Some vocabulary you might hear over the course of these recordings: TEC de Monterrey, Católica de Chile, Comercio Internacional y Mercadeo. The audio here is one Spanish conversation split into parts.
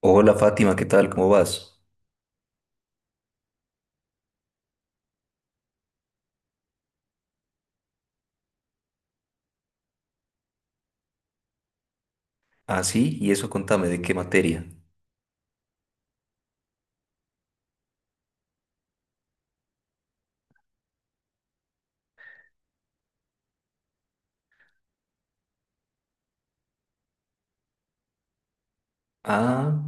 Hola Fátima, ¿qué tal? ¿Cómo vas? Ah, sí, y eso contame, ¿de qué materia? Ah,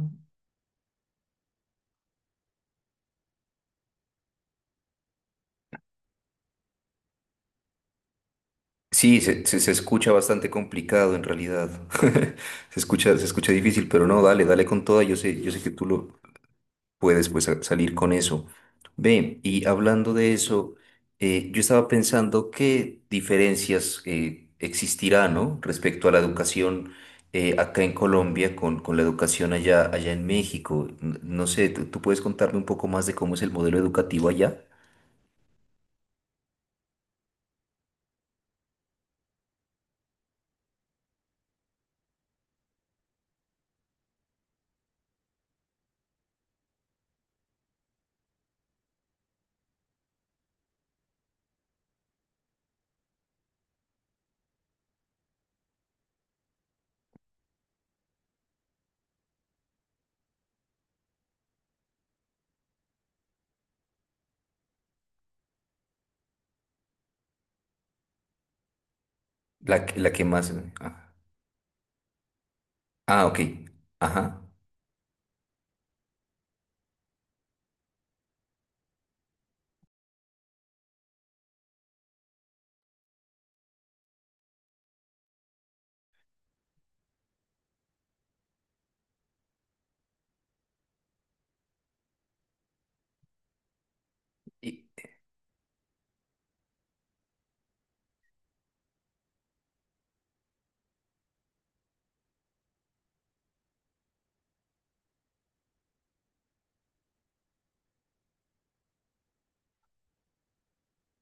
sí, se escucha bastante complicado en realidad. Se escucha difícil, pero no, dale, dale con toda. Yo sé que tú lo, puedes pues salir con eso. Ve, y hablando de eso, yo estaba pensando qué diferencias existirá, ¿no? Respecto a la educación acá en Colombia con la educación allá, en México. No sé, ¿tú puedes contarme un poco más de cómo es el modelo educativo allá? La que más... Ah, ah, ok. Ajá. Y,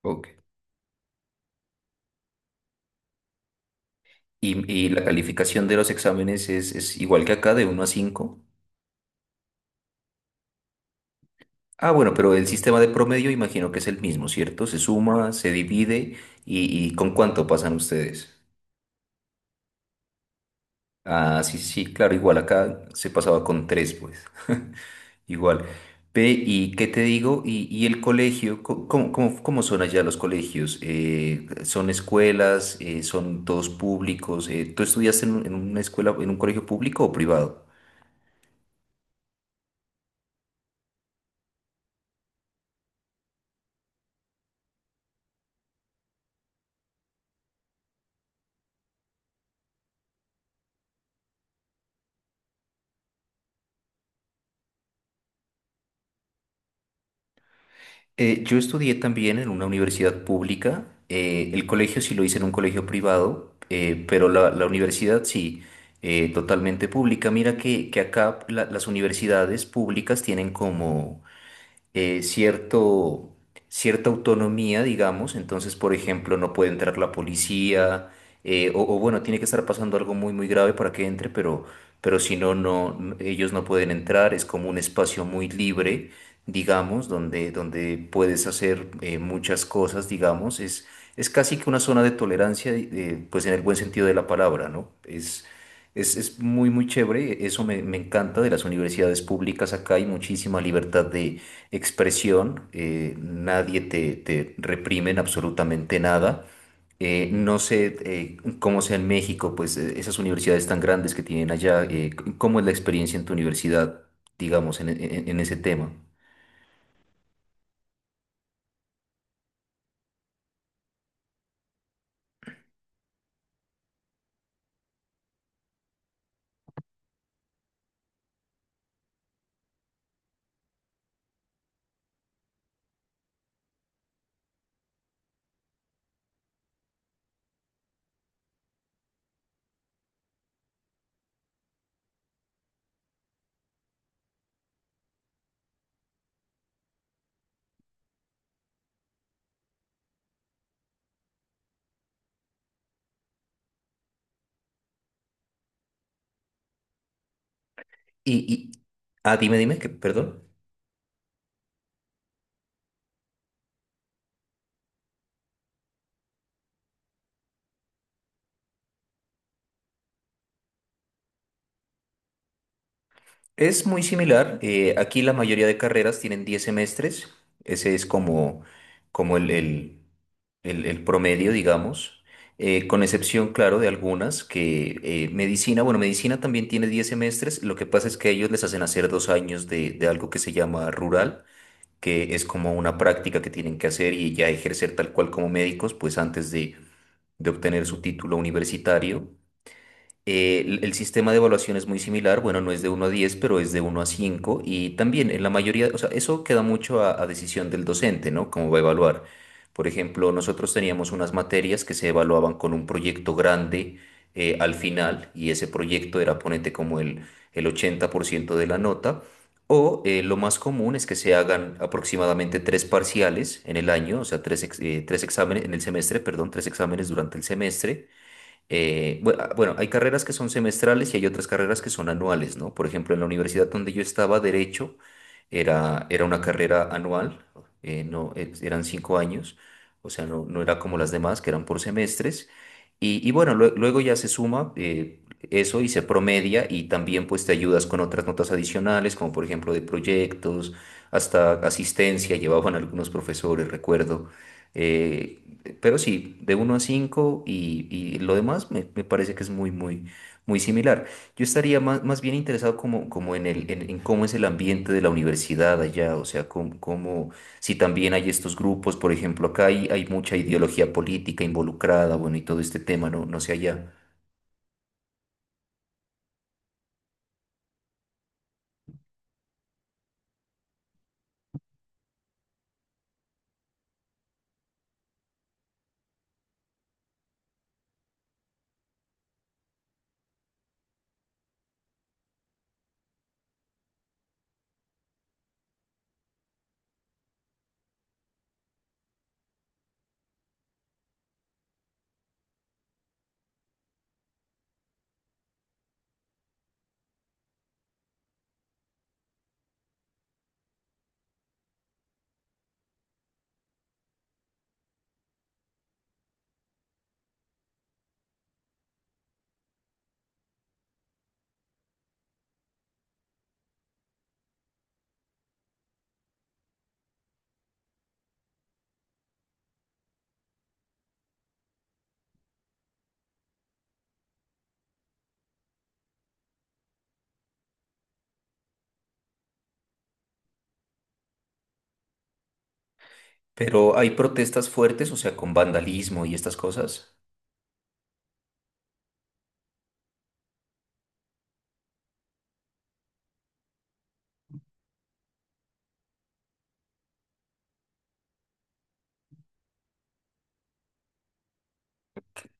ok. Y la calificación de los exámenes es igual que acá, de uno a cinco. Ah, bueno, pero el sistema de promedio imagino que es el mismo, ¿cierto? Se suma, se divide y ¿con cuánto pasan ustedes? Ah, sí, sí, sí, claro, igual acá se pasaba con tres, pues. Igual. Ve, ¿y qué te digo? ¿Y el colegio? ¿Cómo son allá los colegios? ¿Son escuelas? ¿Son todos públicos? ¿Tú estudiaste en una escuela, en un colegio público o privado? Yo estudié también en una universidad pública. El colegio sí lo hice en un colegio privado, pero la universidad sí, totalmente pública. Mira que acá las universidades públicas tienen como cierto, cierta autonomía, digamos. Entonces, por ejemplo, no puede entrar la policía, o bueno, tiene que estar pasando algo muy, muy grave para que entre, pero si no, ellos no pueden entrar. Es como un espacio muy libre, digamos, donde, puedes hacer muchas cosas, digamos, es casi que una zona de tolerancia, pues en el buen sentido de la palabra, ¿no? Es muy, muy chévere. Eso me encanta de las universidades públicas acá, hay muchísima libertad de expresión, nadie te reprime en absolutamente nada. No sé cómo sea en México, pues esas universidades tan grandes que tienen allá. ¿Cómo es la experiencia en tu universidad, digamos, en, en ese tema? Y, y, ah, dime, dime, que, perdón. Es muy similar. Aquí la mayoría de carreras tienen 10 semestres. Ese es como el, el promedio, digamos, con excepción, claro, de algunas que medicina, bueno, medicina también tiene 10 semestres. Lo que pasa es que a ellos les hacen hacer 2 años de, algo que se llama rural, que es como una práctica que tienen que hacer y ya ejercer tal cual como médicos, pues antes de obtener su título universitario. El sistema de evaluación es muy similar. Bueno, no es de uno a diez, pero es de uno a cinco, y también en la mayoría, o sea, eso queda mucho a, decisión del docente, ¿no? Cómo va a evaluar. Por ejemplo, nosotros teníamos unas materias que se evaluaban con un proyecto grande al final, y ese proyecto era, ponete, como el 80% de la nota. O lo más común es que se hagan aproximadamente tres parciales en el año, o sea, tres exámenes en el semestre, perdón, tres exámenes durante el semestre. Bueno, hay carreras que son semestrales y hay otras carreras que son anuales, ¿no? Por ejemplo, en la universidad donde yo estaba, Derecho, era una carrera anual. No, eran 5 años, o sea, no era como las demás, que eran por semestres. Y bueno, luego ya se suma eso y se promedia, y también pues te ayudas con otras notas adicionales, como por ejemplo de proyectos, hasta asistencia, llevaban algunos profesores, recuerdo. eh, pero sí, de uno a cinco, y lo demás me parece que es muy, muy, muy similar. Yo estaría más bien interesado como, en el, en cómo es el ambiente de la universidad allá, o sea, si también hay estos grupos. Por ejemplo, acá hay mucha ideología política involucrada, bueno, y todo este tema, no sé allá. Pero hay protestas fuertes, o sea, ¿con vandalismo y estas cosas?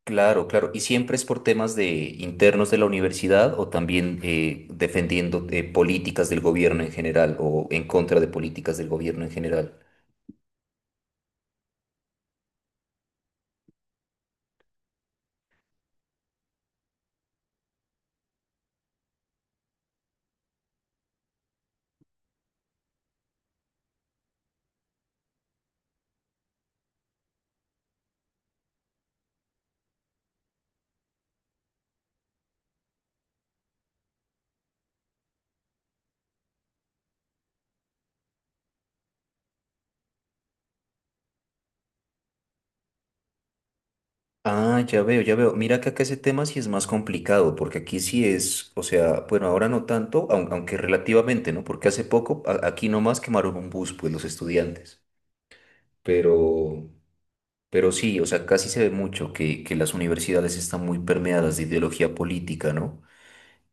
Claro, claro. ¿Y siempre es por temas de internos de la universidad, o también defendiendo políticas del gobierno en general, o en contra de políticas del gobierno en general? Ah, ya veo, ya veo. Mira que acá ese tema sí es más complicado, porque aquí sí es, o sea, bueno, ahora no tanto, aunque relativamente, ¿no? Porque hace poco aquí nomás quemaron un bus, pues los estudiantes. Pero, pero sí, o sea, casi se ve mucho que las universidades están muy permeadas de ideología política, ¿no?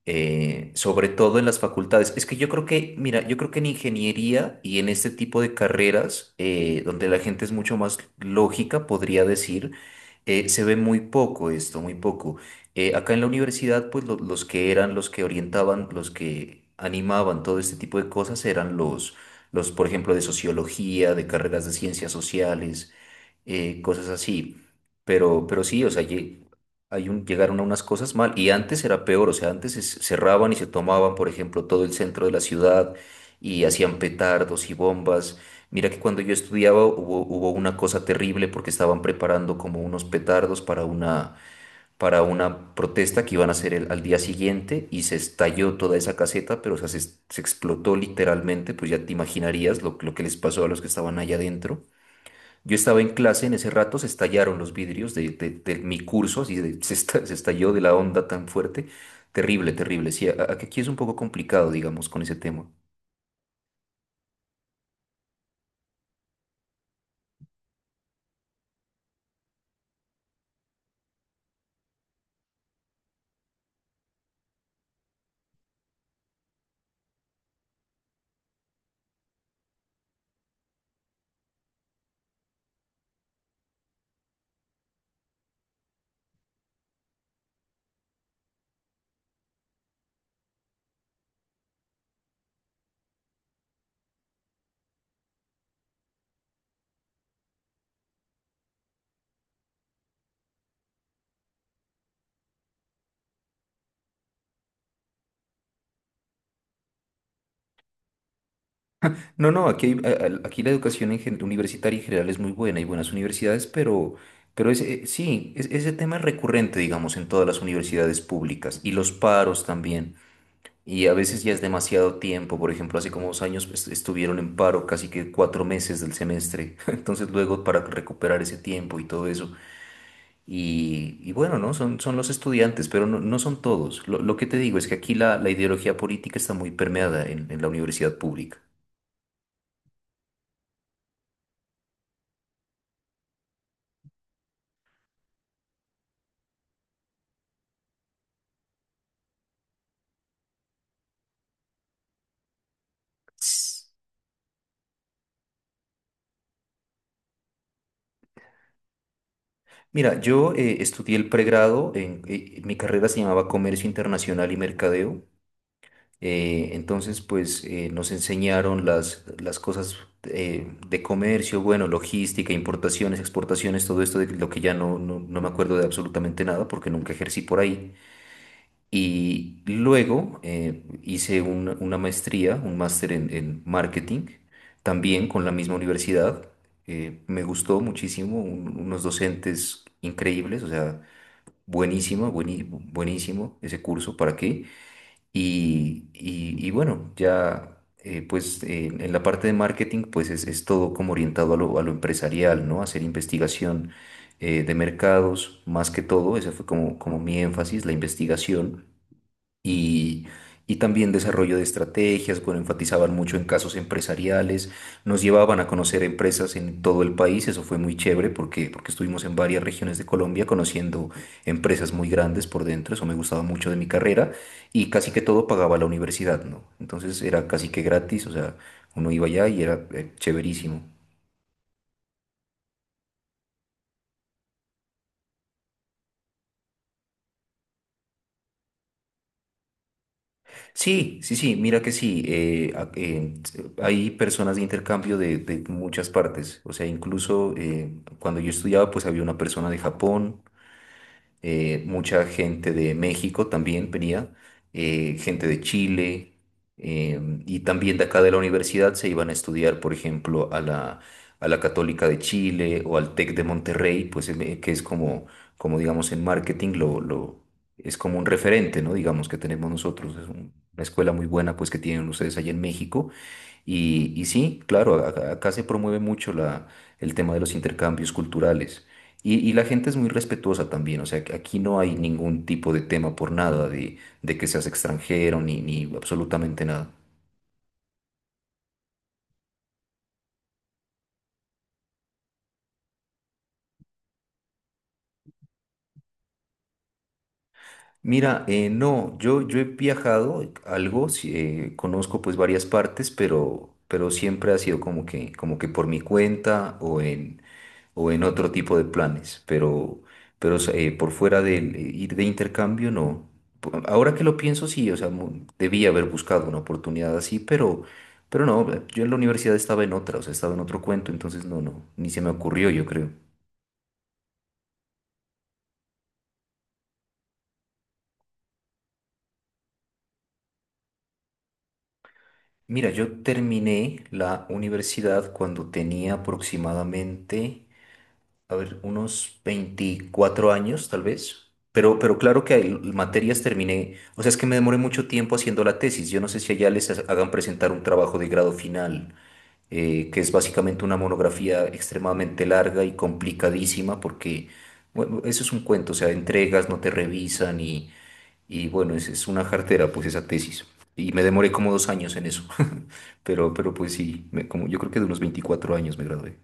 Sobre todo en las facultades. Es que yo creo que, mira, yo creo que en ingeniería y en este tipo de carreras, donde la gente es mucho más lógica, podría decir, se ve muy poco esto, muy poco. Acá en la universidad, pues los que eran, los que orientaban, los que animaban todo este tipo de cosas eran los, por ejemplo, de sociología, de carreras de ciencias sociales, cosas así. Pero sí, o sea, llegaron a unas cosas mal. Y antes era peor, o sea, antes cerraban y se tomaban, por ejemplo, todo el centro de la ciudad, y hacían petardos y bombas. Mira que cuando yo estudiaba hubo, una cosa terrible, porque estaban preparando como unos petardos para una protesta que iban a hacer al día siguiente, y se estalló toda esa caseta. Pero o sea, se, explotó literalmente, pues ya te imaginarías lo que les pasó a los que estaban allá adentro. Yo estaba en clase, en ese rato se estallaron los vidrios de, de mi curso, así se, se estalló de la onda tan fuerte. Terrible, terrible. Sí, aquí es un poco complicado, digamos, con ese tema. No, no, aquí, hay- a- aquí la educación en universitaria en general es muy buena, hay buenas universidades, pero ese tema es recurrente, digamos, en todas las universidades públicas, y los paros también. Y a veces ya es demasiado tiempo. Por ejemplo, hace como 2 años, pues, estuvieron en paro casi que 4 meses del semestre, entonces luego para recuperar ese tiempo y todo eso. Y bueno, ¿no? Son, los estudiantes, pero no, son todos. lo que te digo es que aquí la, ideología política está muy permeada en la universidad pública. Ss. Mira, yo estudié el pregrado, mi carrera se llamaba Comercio Internacional y Mercadeo. Entonces, pues nos enseñaron las cosas de comercio, bueno, logística, importaciones, exportaciones, todo esto de lo que ya no, no me acuerdo de absolutamente nada, porque nunca ejercí por ahí. Y luego hice una, maestría, un máster en marketing, también con la misma universidad. Me gustó muchísimo, unos docentes increíbles, o sea, buenísimo, buenísimo ese curso, ¿para qué? Y bueno, ya pues en la parte de marketing pues es, todo como orientado a lo empresarial, ¿no? Hacer investigación de mercados, más que todo. Ese fue como mi énfasis, la investigación, y, y también desarrollo de estrategias. Bueno, enfatizaban mucho en casos empresariales, nos llevaban a conocer empresas en todo el país. Eso fue muy chévere, porque estuvimos en varias regiones de Colombia conociendo empresas muy grandes por dentro. Eso me gustaba mucho de mi carrera, y casi que todo pagaba la universidad, ¿no? Entonces era casi que gratis, o sea, uno iba allá y era chéverísimo. Sí, sí, sí, mira que sí. Hay personas de intercambio de, muchas partes, o sea, incluso cuando yo estudiaba, pues había una persona de Japón, mucha gente de México también venía, gente de Chile, eh, y también de acá de la universidad se iban a estudiar, por ejemplo, a la, Católica de Chile o al TEC de Monterrey, pues que es como digamos, en marketing es como un referente, ¿no? Digamos que tenemos nosotros, es una escuela muy buena, pues, que tienen ustedes allá en México. Y sí, claro, acá se promueve mucho el tema de los intercambios culturales. Y la gente es muy respetuosa también, o sea, que aquí no hay ningún tipo de tema por nada de, que seas extranjero, ni absolutamente nada. Mira, no, yo he viajado algo, sí, conozco pues varias partes, pero, siempre ha sido como que por mi cuenta, o en otro tipo de planes. Pero por fuera de ir de intercambio, no. Ahora que lo pienso, sí, o sea, debía haber buscado una oportunidad así, pero no, yo en la universidad estaba en otra, o sea, estaba en otro cuento, entonces ni se me ocurrió, yo creo. Mira, yo terminé la universidad cuando tenía aproximadamente, a ver, unos 24 años tal vez. pero claro, que hay materias terminé, o sea, es que me demoré mucho tiempo haciendo la tesis. Yo no sé si allá les hagan presentar un trabajo de grado final, que es básicamente una monografía extremadamente larga y complicadísima, porque, bueno, eso es un cuento, o sea, entregas, no te revisan, y bueno, es, una jartera, pues esa tesis. Y me demoré como 2 años en eso, pero pues sí, como, yo creo que de unos 24 años me gradué.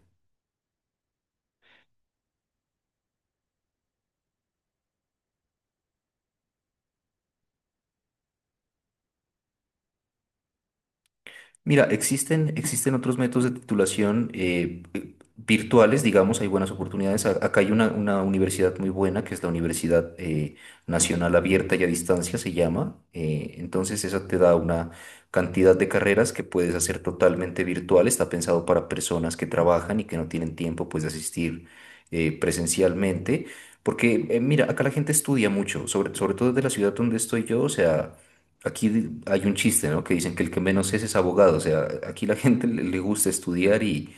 Mira, existen, otros métodos de titulación, virtuales, digamos, hay buenas oportunidades. Acá hay una universidad muy buena, que es la Universidad Nacional Abierta y a Distancia, se llama. Entonces, esa te da una cantidad de carreras que puedes hacer totalmente virtual. Está pensado para personas que trabajan y que no tienen tiempo, pues, de asistir presencialmente. Porque, mira, acá la gente estudia mucho, sobre, todo desde la ciudad donde estoy yo, o sea... Aquí hay un chiste, ¿no? Que dicen que el que menos es abogado. O sea, aquí la gente le gusta estudiar, y,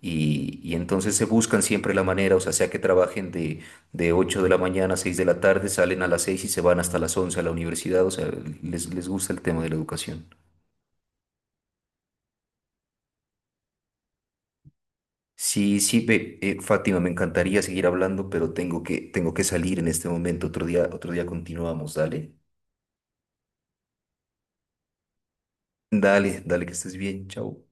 y, y entonces se buscan siempre la manera, o sea, sea que trabajen de 8 de la mañana a 6 de la tarde, salen a las 6 y se van hasta las 11 a la universidad. O sea, les, gusta el tema de la educación. Sí, sí, ve, Fátima, me encantaría seguir hablando, pero tengo que, salir en este momento. Otro día continuamos. Dale, dale, dale, que estés bien. Chao.